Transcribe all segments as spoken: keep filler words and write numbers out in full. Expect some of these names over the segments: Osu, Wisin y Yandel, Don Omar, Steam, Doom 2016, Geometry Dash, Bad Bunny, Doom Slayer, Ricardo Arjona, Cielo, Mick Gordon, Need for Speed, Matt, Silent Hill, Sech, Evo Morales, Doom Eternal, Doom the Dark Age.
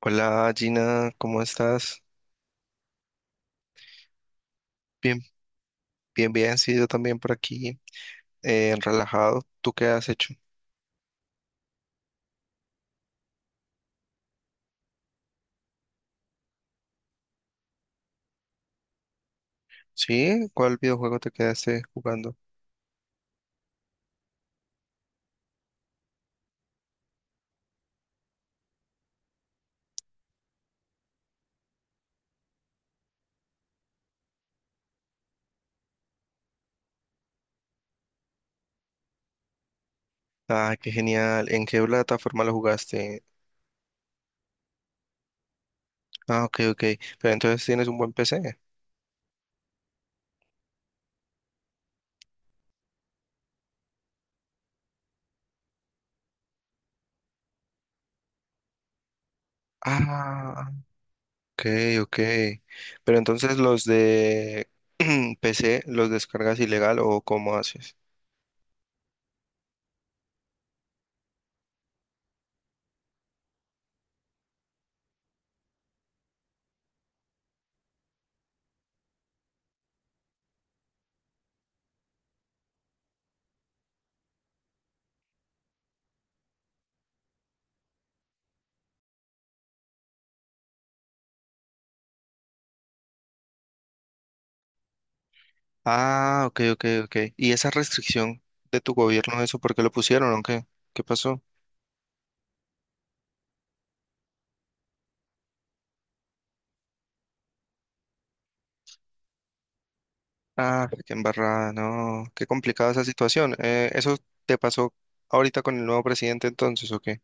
Hola Gina, ¿cómo estás? Bien, bien, bien, sí, yo también por aquí, eh, relajado. ¿Tú qué has hecho? ¿Sí? ¿Cuál videojuego te quedaste jugando? Ah, qué genial. ¿En qué plataforma lo jugaste? Ah, ok, ok. Pero entonces tienes un buen P C. Ah, ok, ok. Pero entonces los de P C los descargas ilegal o ¿cómo haces? Ah, ok, ok, ok. ¿Y esa restricción de tu gobierno, eso por qué lo pusieron o qué? ¿Qué pasó? Ah, qué embarrada, no, qué complicada esa situación. Eh, ¿eso te pasó ahorita con el nuevo presidente entonces o qué?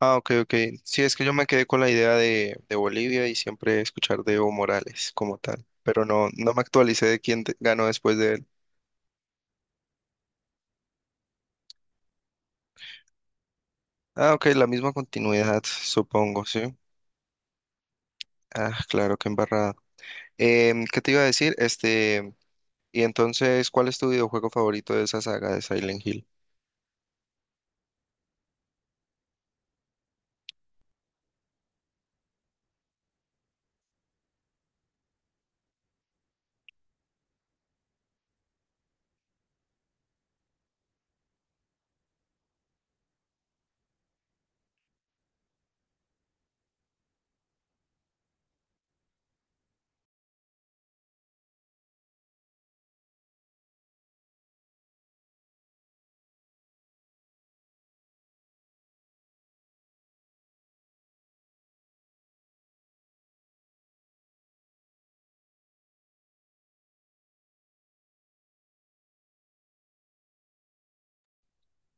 Ah, ok, ok. Sí, es que yo me quedé con la idea de, de Bolivia y siempre escuchar de Evo Morales como tal, pero no, no me actualicé de quién te- ganó después de él. Ah, ok, la misma continuidad, supongo, ¿sí? Ah, claro, qué embarrada. Em, ¿qué te iba a decir? Este, y entonces, ¿cuál es tu videojuego favorito de esa saga de Silent Hill?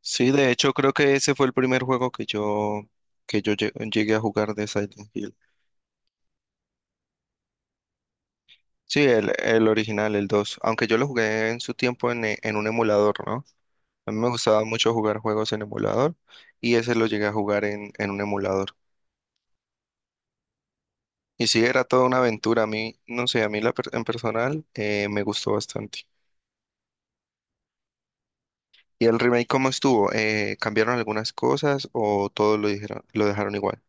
Sí, de hecho creo que ese fue el primer juego que yo, que yo lle- llegué a jugar de Silent Hill. Sí, el, el original, el dos. Aunque yo lo jugué en su tiempo en, e- en un emulador, ¿no? A mí me gustaba mucho jugar juegos en emulador y ese lo llegué a jugar en, en un emulador. Y sí, era toda una aventura. A mí, no sé, a mí la per- en personal eh, me gustó bastante. ¿Y el remake cómo estuvo? Eh, ¿cambiaron algunas cosas o todo lo dijeron, lo dejaron igual?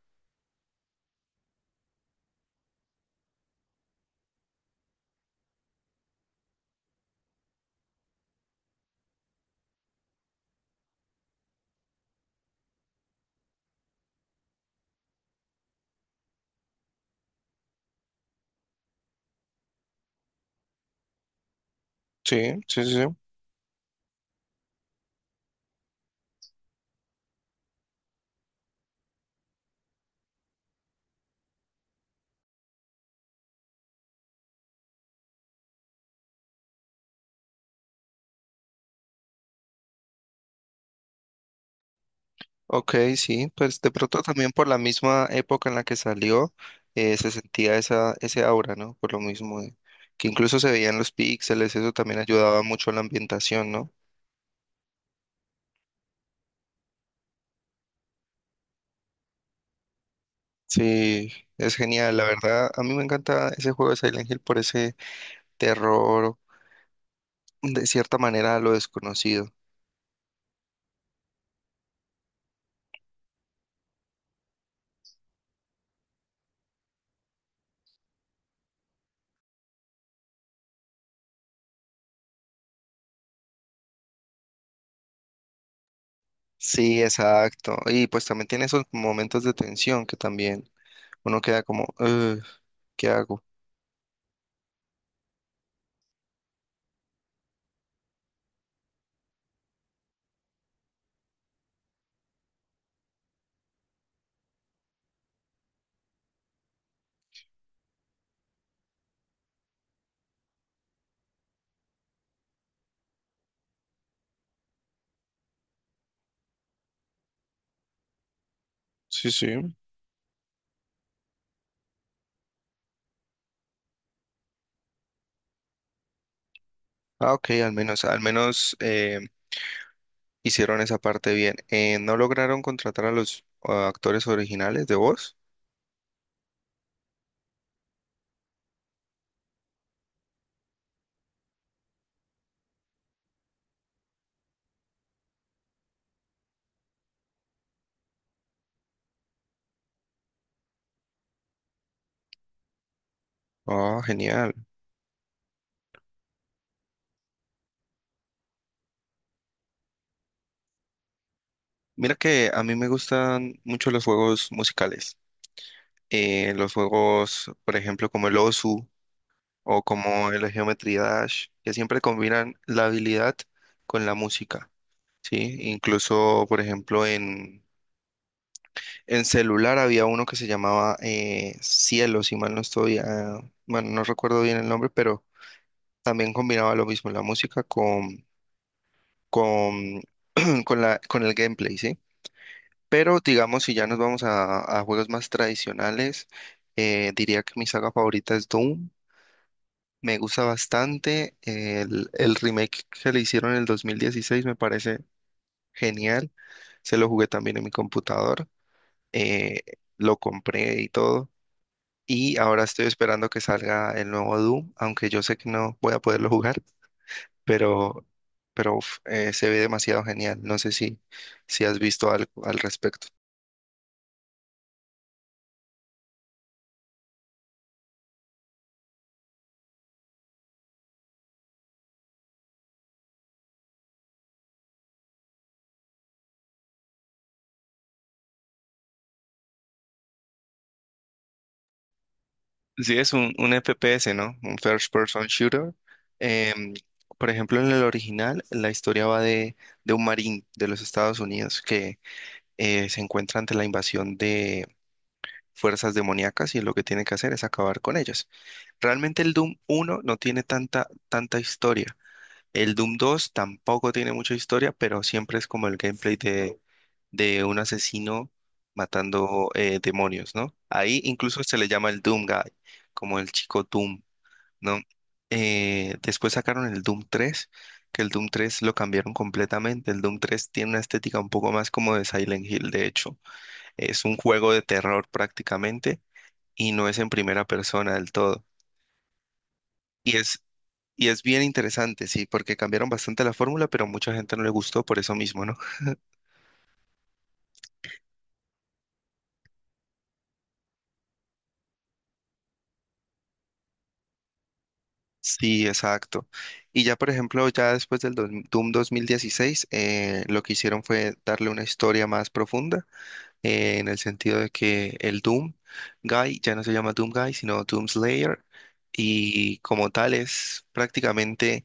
Sí, sí, sí. sí. Ok, sí, pues de pronto también por la misma época en la que salió, eh, se sentía esa, ese aura, ¿no? Por lo mismo, de- que incluso se veían los píxeles, eso también ayudaba mucho a la ambientación, ¿no? Sí, es genial, la verdad, a mí me encanta ese juego de Silent Hill por ese terror, de cierta manera, a lo desconocido. Sí, exacto, y pues también tiene esos momentos de tensión que también uno queda como, "Ugh, ¿qué hago?" Sí, sí. Ah, ok, al menos, al menos eh, hicieron esa parte bien. Eh, ¿no lograron contratar a los ah, actores originales de voz? Ah, genial. Mira que a mí me gustan mucho los juegos musicales. Eh, los juegos, por ejemplo, como el Osu o como el Geometry Dash, que siempre combinan la habilidad con la música, ¿sí? Incluso, por ejemplo, en, en celular había uno que se llamaba eh, Cielo, si mal no estoy, ah, bueno, no recuerdo bien el nombre, pero también combinaba lo mismo, la música con con, con la, con el gameplay, ¿sí? Pero digamos, si ya nos vamos a, a juegos más tradicionales, eh, diría que mi saga favorita es Doom. Me gusta bastante. El, el remake que le hicieron en el dos mil dieciséis me parece genial. Se lo jugué también en mi computador. eh, lo compré y todo. Y ahora estoy esperando que salga el nuevo Doom, aunque yo sé que no voy a poderlo jugar. pero, pero uf, eh, se ve demasiado genial. No sé si, si has visto algo al respecto. Sí, es un, un F P S, ¿no? Un First Person Shooter. Em, por ejemplo, en el original, la historia va de, de un marín de los Estados Unidos que eh, se encuentra ante la invasión de fuerzas demoníacas y lo que tiene que hacer es acabar con ellas. Realmente el Doom uno no tiene tanta, tanta historia. El Doom dos tampoco tiene mucha historia, pero siempre es como el gameplay de, de un asesino matando eh, demonios, ¿no? Ahí incluso se le llama el Doom Guy, como el chico Doom, ¿no? Eh, después sacaron el Doom tres, que el Doom tres lo cambiaron completamente. El Doom tres tiene una estética un poco más como de Silent Hill, de hecho. Es un juego de terror prácticamente y no es en primera persona del todo. Y es y es bien interesante, sí, porque cambiaron bastante la fórmula, pero mucha gente no le gustó por eso mismo, ¿no? Sí, exacto. Y ya, por ejemplo, ya después del dos- Doom dos mil dieciséis, eh, lo que hicieron fue darle una historia más profunda, eh, en el sentido de que el Doom Guy ya no se llama Doom Guy, sino Doom Slayer, y como tal es prácticamente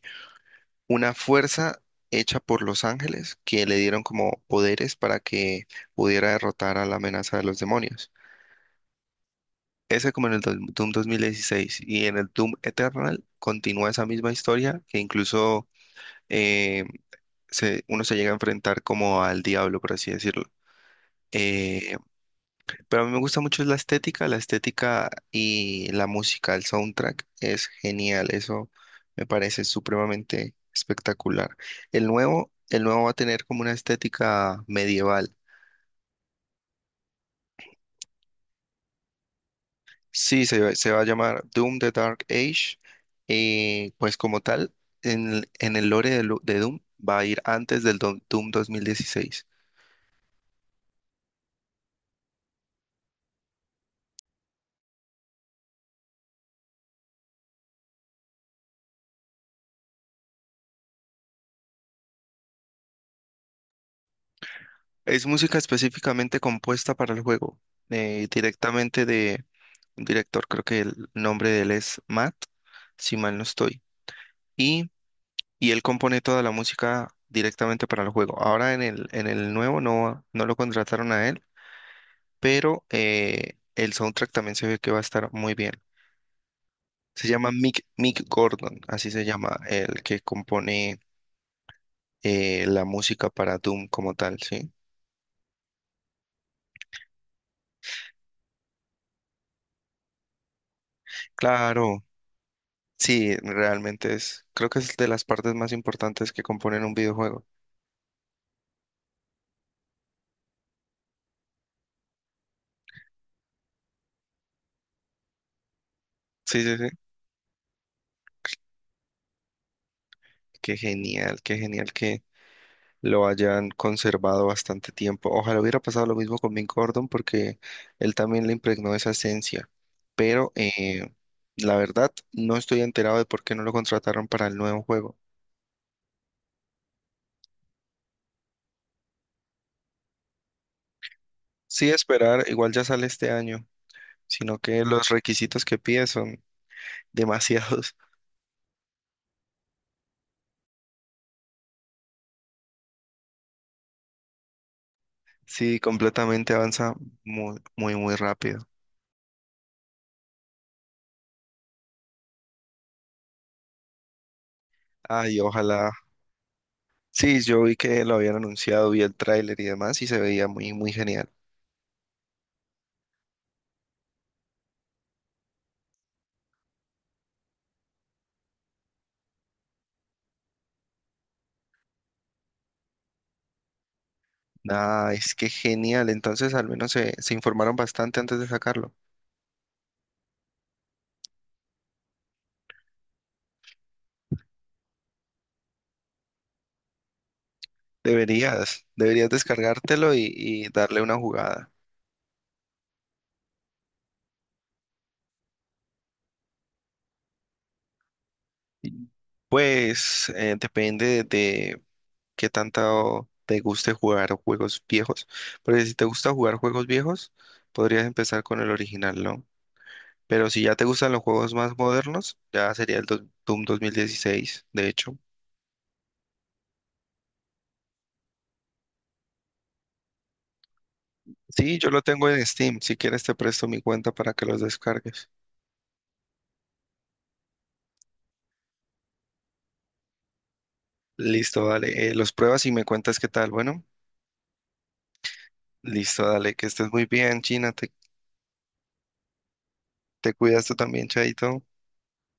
una fuerza hecha por los ángeles que le dieron como poderes para que pudiera derrotar a la amenaza de los demonios. Ese como en el do- Doom dos mil dieciséis y en el Doom Eternal continúa esa misma historia que incluso eh, se- uno se llega a enfrentar como al diablo, por así decirlo. Eh, pero a mí me gusta mucho la estética, la estética y la música, el soundtrack es genial, eso me parece supremamente espectacular. El nuevo, el nuevo va a tener como una estética medieval. Sí, se, va se va a llamar Doom the Dark Age. Eh, pues como tal, en, el en el lore de, Lu- de Doom va a ir antes del Do- Doom dos mil dieciséis. Es música específicamente compuesta para el juego, eh, directamente de un director, creo que el nombre de él es Matt, si mal no estoy. Y, y él compone toda la música directamente para el juego. Ahora en el, en el nuevo no, no lo contrataron a él, pero eh, el soundtrack también se ve que va a estar muy bien. Se llama Mick, Mick Gordon, así se llama el que compone eh, la música para Doom como tal, ¿sí? Claro, sí, realmente es, creo que es de las partes más importantes que componen un videojuego. Sí, sí, sí. Qué genial, qué genial que lo hayan conservado bastante tiempo. Ojalá hubiera pasado lo mismo con Mick Gordon porque él también le impregnó esa esencia, pero eh, la verdad no estoy enterado de por qué no lo contrataron para el nuevo juego. Sí, esperar, igual ya sale este año. Sino que los requisitos que pide son demasiados. Sí, completamente avanza muy, muy, muy rápido. Ay, ojalá. Sí, yo vi que lo habían anunciado, vi el tráiler y demás y se veía muy, muy genial. Ah, es que genial. Entonces, al menos se, se informaron bastante antes de sacarlo. Deberías, deberías descargártelo y, y darle una jugada. Y, Pues eh, depende de, qué tanto te guste jugar juegos viejos. Porque si te gusta jugar juegos viejos, podrías empezar con el original, ¿no? Pero si ya te gustan los juegos más modernos, ya sería el dos- Doom dos mil dieciséis. De hecho. Sí, yo lo tengo en Steam. Si quieres, te presto mi cuenta para que los descargues. Listo, dale. Eh, los pruebas y me cuentas qué tal. Bueno, listo, dale. Que estés muy bien, China. Te, te cuidas tú también, Chaito.